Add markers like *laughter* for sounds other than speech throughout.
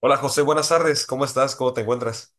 Hola José, buenas tardes. ¿Cómo estás? ¿Cómo te encuentras?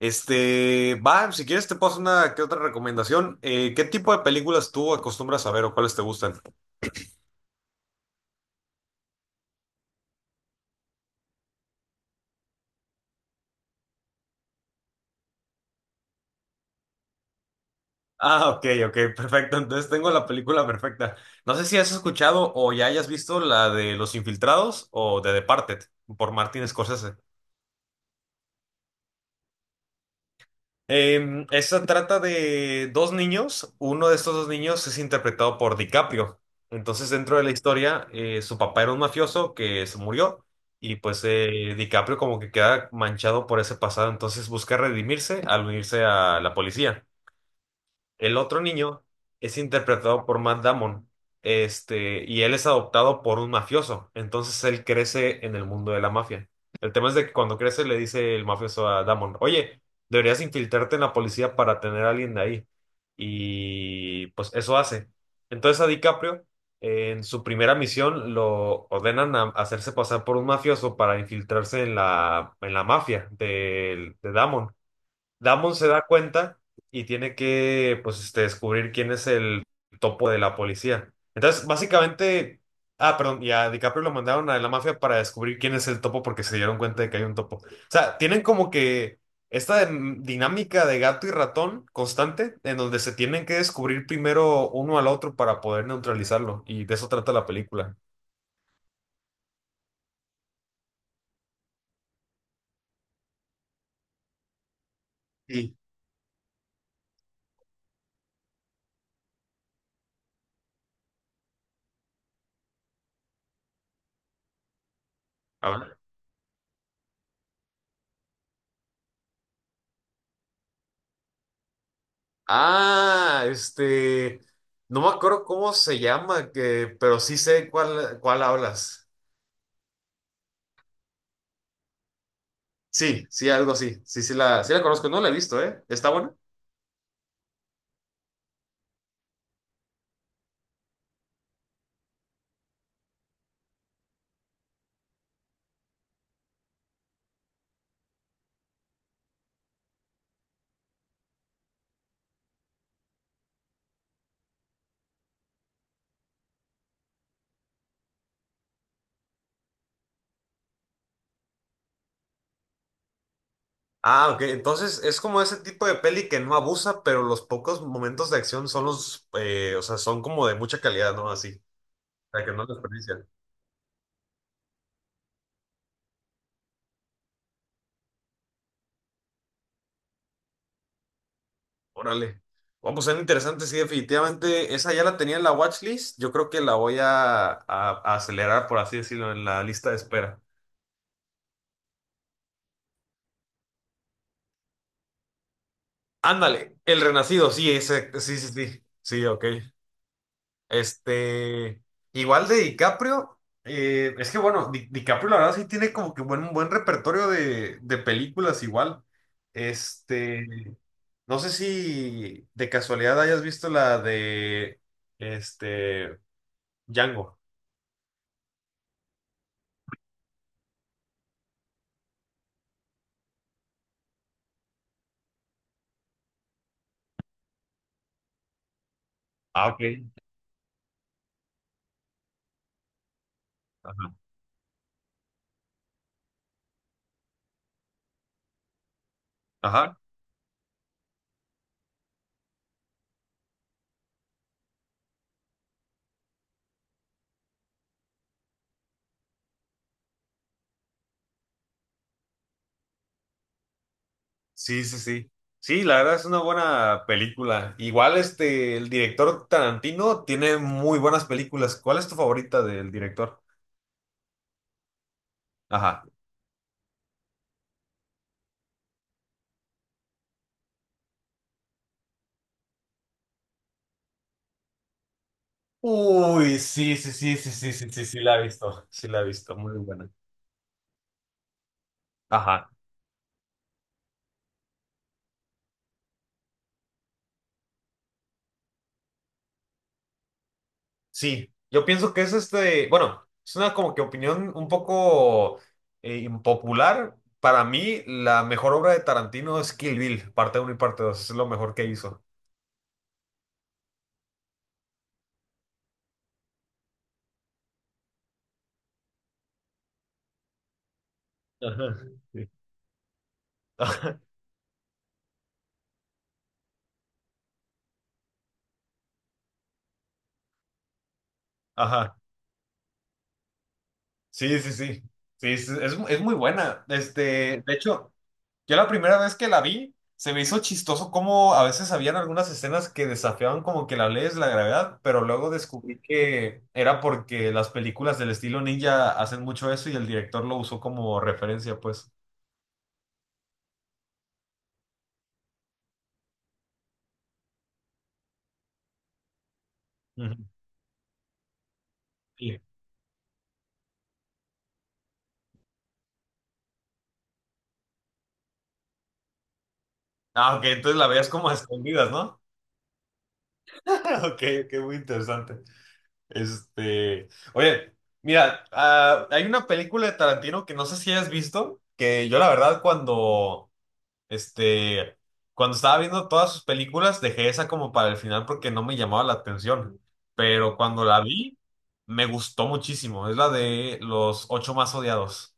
Va, si quieres te paso una que otra recomendación. ¿Qué tipo de películas tú acostumbras a ver o cuáles te gustan? Ah, ok, ok, *laughs* perfecto. Entonces tengo la película perfecta. No sé si has escuchado o ya hayas visto la de Los Infiltrados o de Departed por Martin Scorsese. Esa trata de dos niños. Uno de estos dos niños es interpretado por DiCaprio. Entonces, dentro de la historia, su papá era un mafioso que se murió, y pues DiCaprio como que queda manchado por ese pasado. Entonces busca redimirse al unirse a la policía. El otro niño es interpretado por Matt Damon, y él es adoptado por un mafioso. Entonces él crece en el mundo de la mafia. El tema es de que cuando crece le dice el mafioso a Damon: oye, deberías infiltrarte en la policía para tener a alguien de ahí. Y pues eso hace. Entonces a DiCaprio, en su primera misión, lo ordenan a hacerse pasar por un mafioso para infiltrarse en la mafia de Damon. Damon se da cuenta y tiene que, pues, descubrir quién es el topo de la policía. Entonces, básicamente, ah, perdón, y a DiCaprio lo mandaron a la mafia para descubrir quién es el topo porque se dieron cuenta de que hay un topo. O sea, tienen como que esta dinámica de gato y ratón constante en donde se tienen que descubrir primero uno al otro para poder neutralizarlo. Y de eso trata la película. Sí. Ah, no me acuerdo cómo se llama, que, pero sí sé cuál hablas. Sí, sí, algo así. Sí, sí la conozco, no la he visto, ¿eh? ¿Está buena? Ah, ok. Entonces es como ese tipo de peli que no abusa, pero los pocos momentos de acción son los, o sea, son como de mucha calidad, ¿no? Así, o sea, que no desperdician. Órale. Vamos, ser interesante, sí, definitivamente. Esa ya la tenía en la watchlist. Yo creo que la voy a, acelerar, por así decirlo, en la lista de espera. Ándale, El Renacido, sí, ese, sí, sí, sí, sí, ok. Este, igual de DiCaprio, es que bueno, DiCaprio la verdad sí tiene como que buen, un buen repertorio de películas igual. Este, no sé si de casualidad hayas visto la este, Django. Ah, ok. Ajá. Ajá. Sí, sí, sí. Sí, la verdad es una buena película. Igual este, el director Tarantino tiene muy buenas películas. ¿Cuál es tu favorita del director? Ajá. Uy, sí, sí, sí, sí, sí, sí, sí, sí, la he visto. Sí, la he visto, muy buena. Ajá. Sí, yo pienso que es bueno, es una como que opinión un poco impopular. Para mí, la mejor obra de Tarantino es Kill Bill, parte uno y parte 2. Es lo mejor que hizo. Ajá. Sí. *laughs* Ajá. Sí, sí, sí. Sí, es, es muy buena. Este, de hecho, yo la primera vez que la vi, se me hizo chistoso cómo a veces habían algunas escenas que desafiaban como que la ley es la gravedad, pero luego descubrí que era porque las películas del estilo ninja hacen mucho eso y el director lo usó como referencia, pues. Ujú. Sí. Ah, ok, entonces la veías como a escondidas, ¿no? *laughs* Ok, qué muy interesante. Oye, mira, ah, hay una película de Tarantino que no sé si hayas visto, que yo la verdad cuando, este, cuando estaba viendo todas sus películas dejé esa como para el final porque no me llamaba la atención, pero cuando la vi me gustó muchísimo, es la de los ocho más odiados.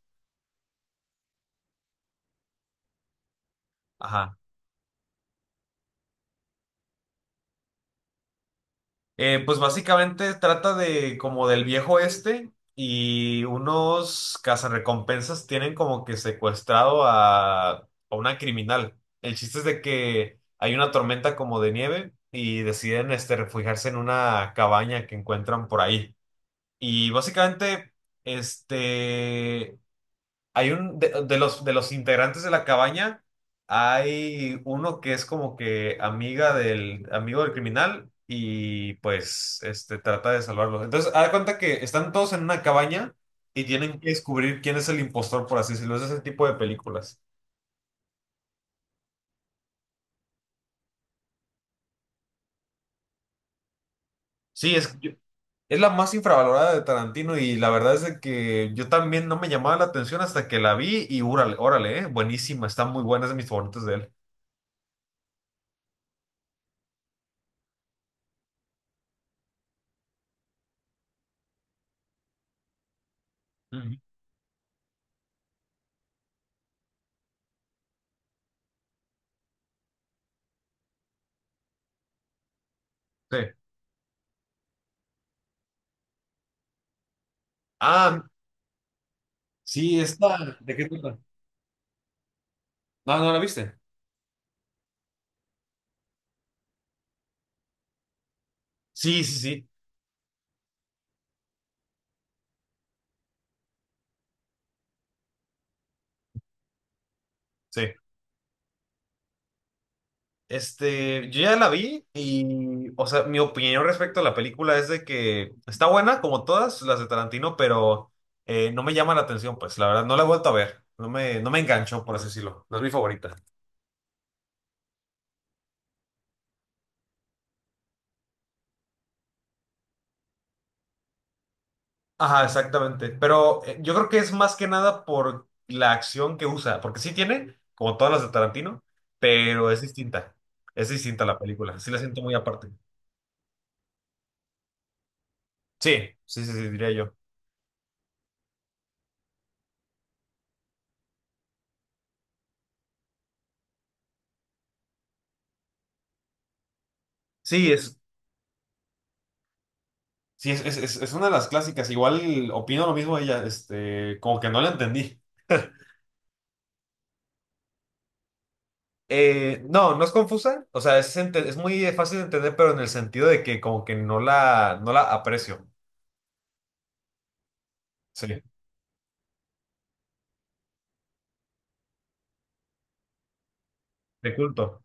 Ajá. Pues básicamente trata de como del viejo este y unos cazarrecompensas tienen como que secuestrado a una criminal. El chiste es de que hay una tormenta como de nieve y deciden este, refugiarse en una cabaña que encuentran por ahí. Y básicamente este, hay un de los integrantes de la cabaña, hay uno que es como que amiga del amigo del criminal y pues este trata de salvarlo. Entonces, haz de cuenta que están todos en una cabaña y tienen que descubrir quién es el impostor, por así decirlo. Es ese tipo de películas. Sí, es la más infravalorada de Tarantino y la verdad es de que yo también no me llamaba la atención hasta que la vi y órale, órale, buenísima, está muy buena, es de mis favoritos de él. Ujú. Sí. Ah, sí, esta. ¿De qué trata? No, no la viste. Sí, sí, sí, sí. Este, yo ya la vi y, o sea, mi opinión respecto a la película es de que está buena como todas las de Tarantino, pero no me llama la atención, pues, la verdad, no la he vuelto a ver. No me enganchó, por así decirlo. No es mi favorita. Ajá, exactamente. Pero yo creo que es más que nada por la acción que usa, porque sí tiene, como todas las de Tarantino, pero es distinta. Es distinta la película. Sí la siento muy aparte. Sí, sí, sí, sí, diría yo. Sí, sí, es una de las clásicas. Igual opino lo mismo de ella, este, como que no la entendí. No, no es confusa, o sea, es muy fácil de entender, pero en el sentido de que como que no no la aprecio. Sí, de culto.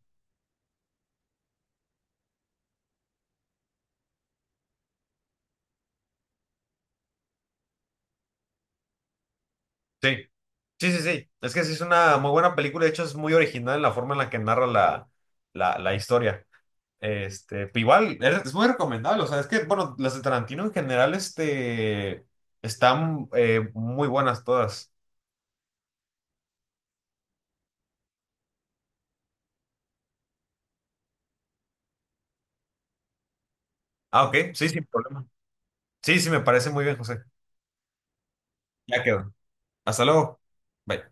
Sí, sí, sí, sí. Es que sí es una muy buena película, de hecho es muy original la forma en la que narra la historia. Pero igual, es muy recomendable. O sea, es que, bueno, las de Tarantino en general, están muy buenas todas. Ah, ok, sí, sin problema. Sí, sí, me parece muy bien, José. Ya quedó. Hasta luego. Bye.